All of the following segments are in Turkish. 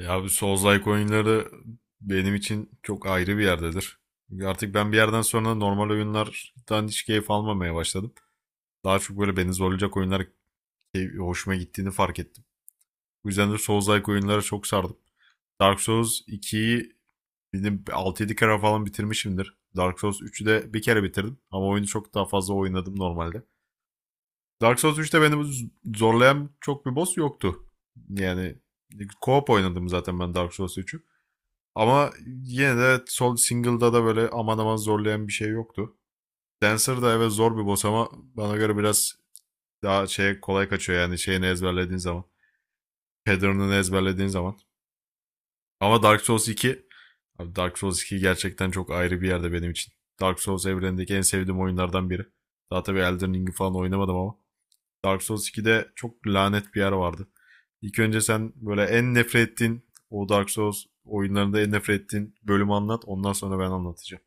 Ya bu Souls-like oyunları benim için çok ayrı bir yerdedir. Artık ben bir yerden sonra normal oyunlardan hiç keyif almamaya başladım. Daha çok böyle beni zorlayacak oyunlar hoşuma gittiğini fark ettim. Bu yüzden de Souls-like oyunlara çok sardım. Dark Souls 2'yi benim 6 yedi kere falan bitirmişimdir. Dark Souls 3'ü de bir kere bitirdim ama oyunu çok daha fazla oynadım normalde. Dark Souls 3'te beni zorlayan çok bir boss yoktu. Yani co-op oynadım zaten ben Dark Souls 3'ü. Ama yine de sol single'da da böyle aman aman zorlayan bir şey yoktu. Dancer da evet zor bir boss ama bana göre biraz daha şey kolay kaçıyor yani şeyini ezberlediğin zaman. Pattern'ını ezberlediğin zaman. Ama Dark Souls 2, abi Dark Souls 2 gerçekten çok ayrı bir yerde benim için. Dark Souls evrenindeki en sevdiğim oyunlardan biri. Daha tabii Elden Ring'i falan oynamadım ama Dark Souls 2'de çok lanet bir yer vardı. İlk önce sen böyle en nefret ettiğin o Dark Souls oyunlarında en nefret ettiğin bölümü anlat. Ondan sonra ben anlatacağım.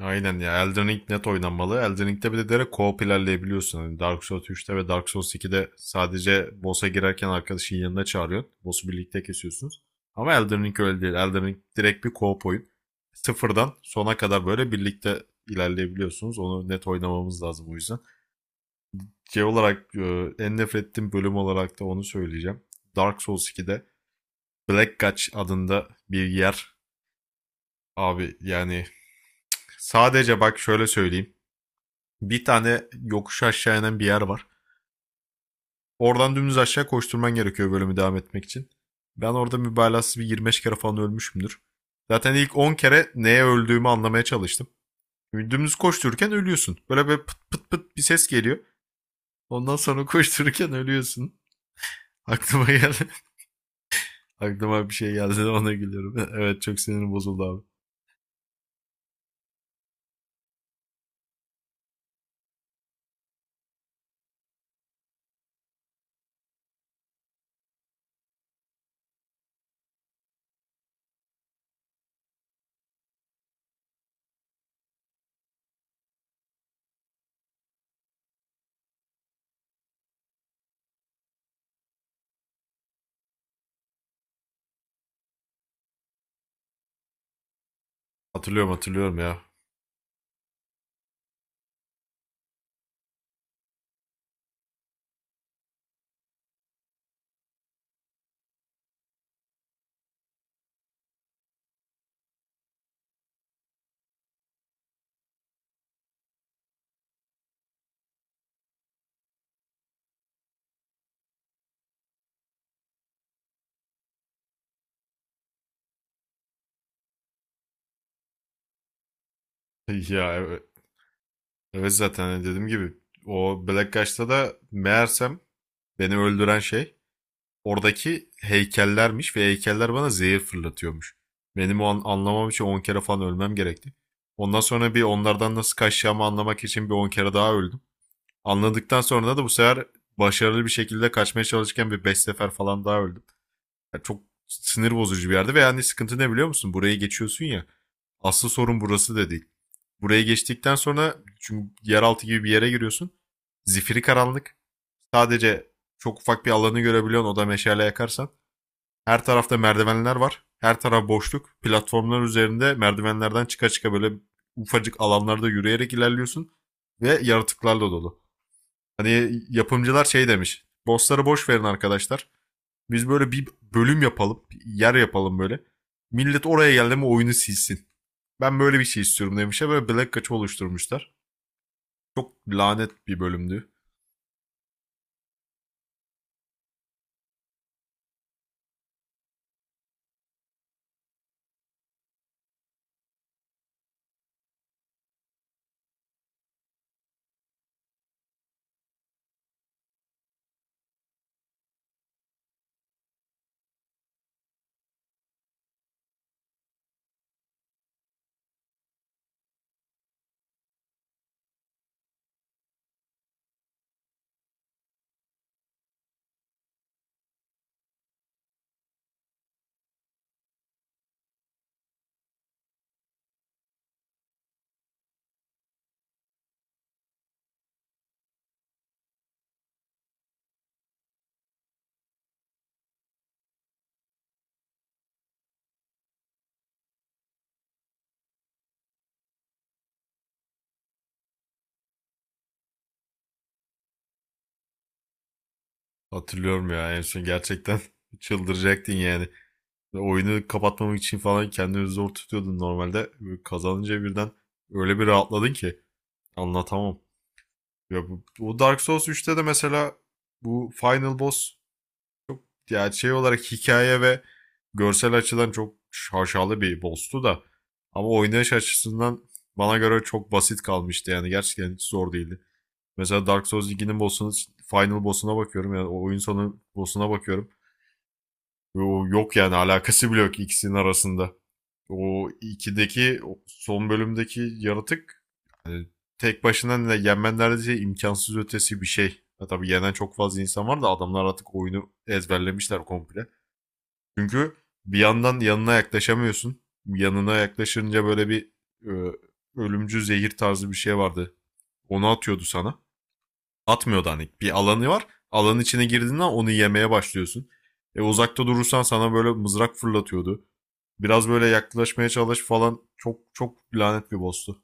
Aynen ya, Elden Ring net oynanmalı. Elden Ring'de bir de direkt co-op ilerleyebiliyorsun. Hani Dark Souls 3'te ve Dark Souls 2'de sadece boss'a girerken arkadaşın yanına çağırıyorsun. Boss'u birlikte kesiyorsunuz. Ama Elden Ring öyle değil. Elden Ring direkt bir co-op oyun. Sıfırdan sona kadar böyle birlikte ilerleyebiliyorsunuz. Onu net oynamamız lazım o yüzden. Şey olarak en nefret ettiğim bölüm olarak da onu söyleyeceğim. Dark Souls 2'de Black Gulch adında bir yer, abi yani sadece bak şöyle söyleyeyim. Bir tane yokuş aşağı inen bir yer var. Oradan dümdüz aşağı koşturman gerekiyor bölümü devam etmek için. Ben orada mübalağasız bir 25 kere falan ölmüşümdür. Zaten ilk 10 kere neye öldüğümü anlamaya çalıştım. Dümdüz koştururken ölüyorsun. Böyle bir pıt pıt pıt bir ses geliyor. Ondan sonra koştururken ölüyorsun. Aklıma geldi. Aklıma bir şey geldi de ona gülüyorum. Evet, çok sinirim bozuldu abi. Hatırlıyorum, hatırlıyorum ya. Ya evet, evet, zaten hani dediğim gibi o Black Gush'ta da meğersem beni öldüren şey oradaki heykellermiş ve heykeller bana zehir fırlatıyormuş. Benim o an, anlamam için 10 kere falan ölmem gerekti. Ondan sonra bir onlardan nasıl kaçacağımı anlamak için bir 10 kere daha öldüm. Anladıktan sonra da bu sefer başarılı bir şekilde kaçmaya çalışırken bir 5 sefer falan daha öldüm. Ya, çok sinir bozucu bir yerde ve yani sıkıntı ne biliyor musun? Burayı geçiyorsun ya. Asıl sorun burası da değil. Burayı geçtikten sonra çünkü yeraltı gibi bir yere giriyorsun. Zifiri karanlık. Sadece çok ufak bir alanı görebiliyorsun, o da meşale yakarsan. Her tarafta merdivenler var. Her taraf boşluk. Platformlar üzerinde merdivenlerden çıka çıka böyle ufacık alanlarda yürüyerek ilerliyorsun. Ve yaratıklarla dolu. Hani yapımcılar şey demiş. Bossları boş verin arkadaşlar. Biz böyle bir bölüm yapalım. Yer yapalım böyle. Millet oraya geldi mi oyunu silsin. Ben böyle bir şey istiyorum demişler. Böyle Black Kaç'ı oluşturmuşlar. Çok lanet bir bölümdü. Hatırlıyorum ya, en son gerçekten çıldıracaktın yani. Oyunu kapatmamak için falan kendini zor tutuyordun normalde. Böyle kazanınca birden öyle bir rahatladın ki anlatamam. Ya bu Dark Souls 3'te de mesela bu final boss ya şey olarak hikaye ve görsel açıdan çok şaşalı bir boss'tu da ama oynayış açısından bana göre çok basit kalmıştı yani gerçekten hiç zor değildi. Mesela Dark Souls 2'nin boss'unu, final boss'una bakıyorum yani o oyun sonu boss'una bakıyorum. Ve o yok yani alakası bile yok ikisinin arasında. O 2'deki o son bölümdeki yaratık tek başına ne, yenmen neredeyse imkansız ötesi bir şey. Ya tabii yenen çok fazla insan var da adamlar artık oyunu ezberlemişler komple. Çünkü bir yandan yanına yaklaşamıyorsun. Yanına yaklaşınca böyle bir e, ölümcül zehir tarzı bir şey vardı. Onu atıyordu sana. Atmıyordu hani. Bir alanı var. Alanın içine girdiğinde onu yemeye başlıyorsun. Uzakta durursan sana böyle mızrak fırlatıyordu. Biraz böyle yaklaşmaya çalış falan, çok çok lanet bir boss'tu.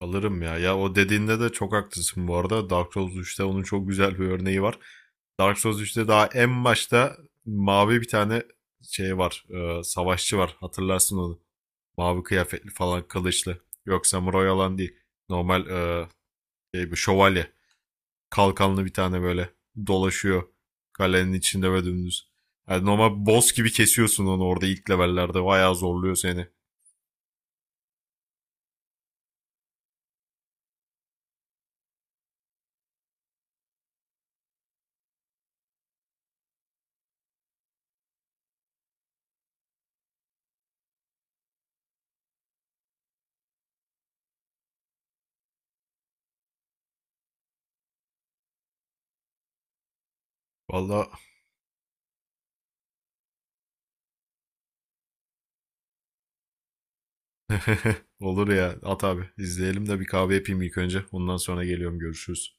Alırım ya. Ya o dediğinde de çok haklısın bu arada. Dark Souls 3'te onun çok güzel bir örneği var. Dark Souls 3'te daha en başta mavi bir tane şey var. Savaşçı var. Hatırlarsın onu. Mavi kıyafetli falan, kılıçlı. Yok, samuray olan değil. Normal bir şövalye, kalkanlı bir tane böyle dolaşıyor kalenin içinde ve dümdüz. Yani normal boss gibi kesiyorsun onu orada ilk levellerde. Bayağı zorluyor seni. Valla olur ya, at abi, İzleyelim de bir kahve yapayım ilk önce. Ondan sonra geliyorum, görüşürüz.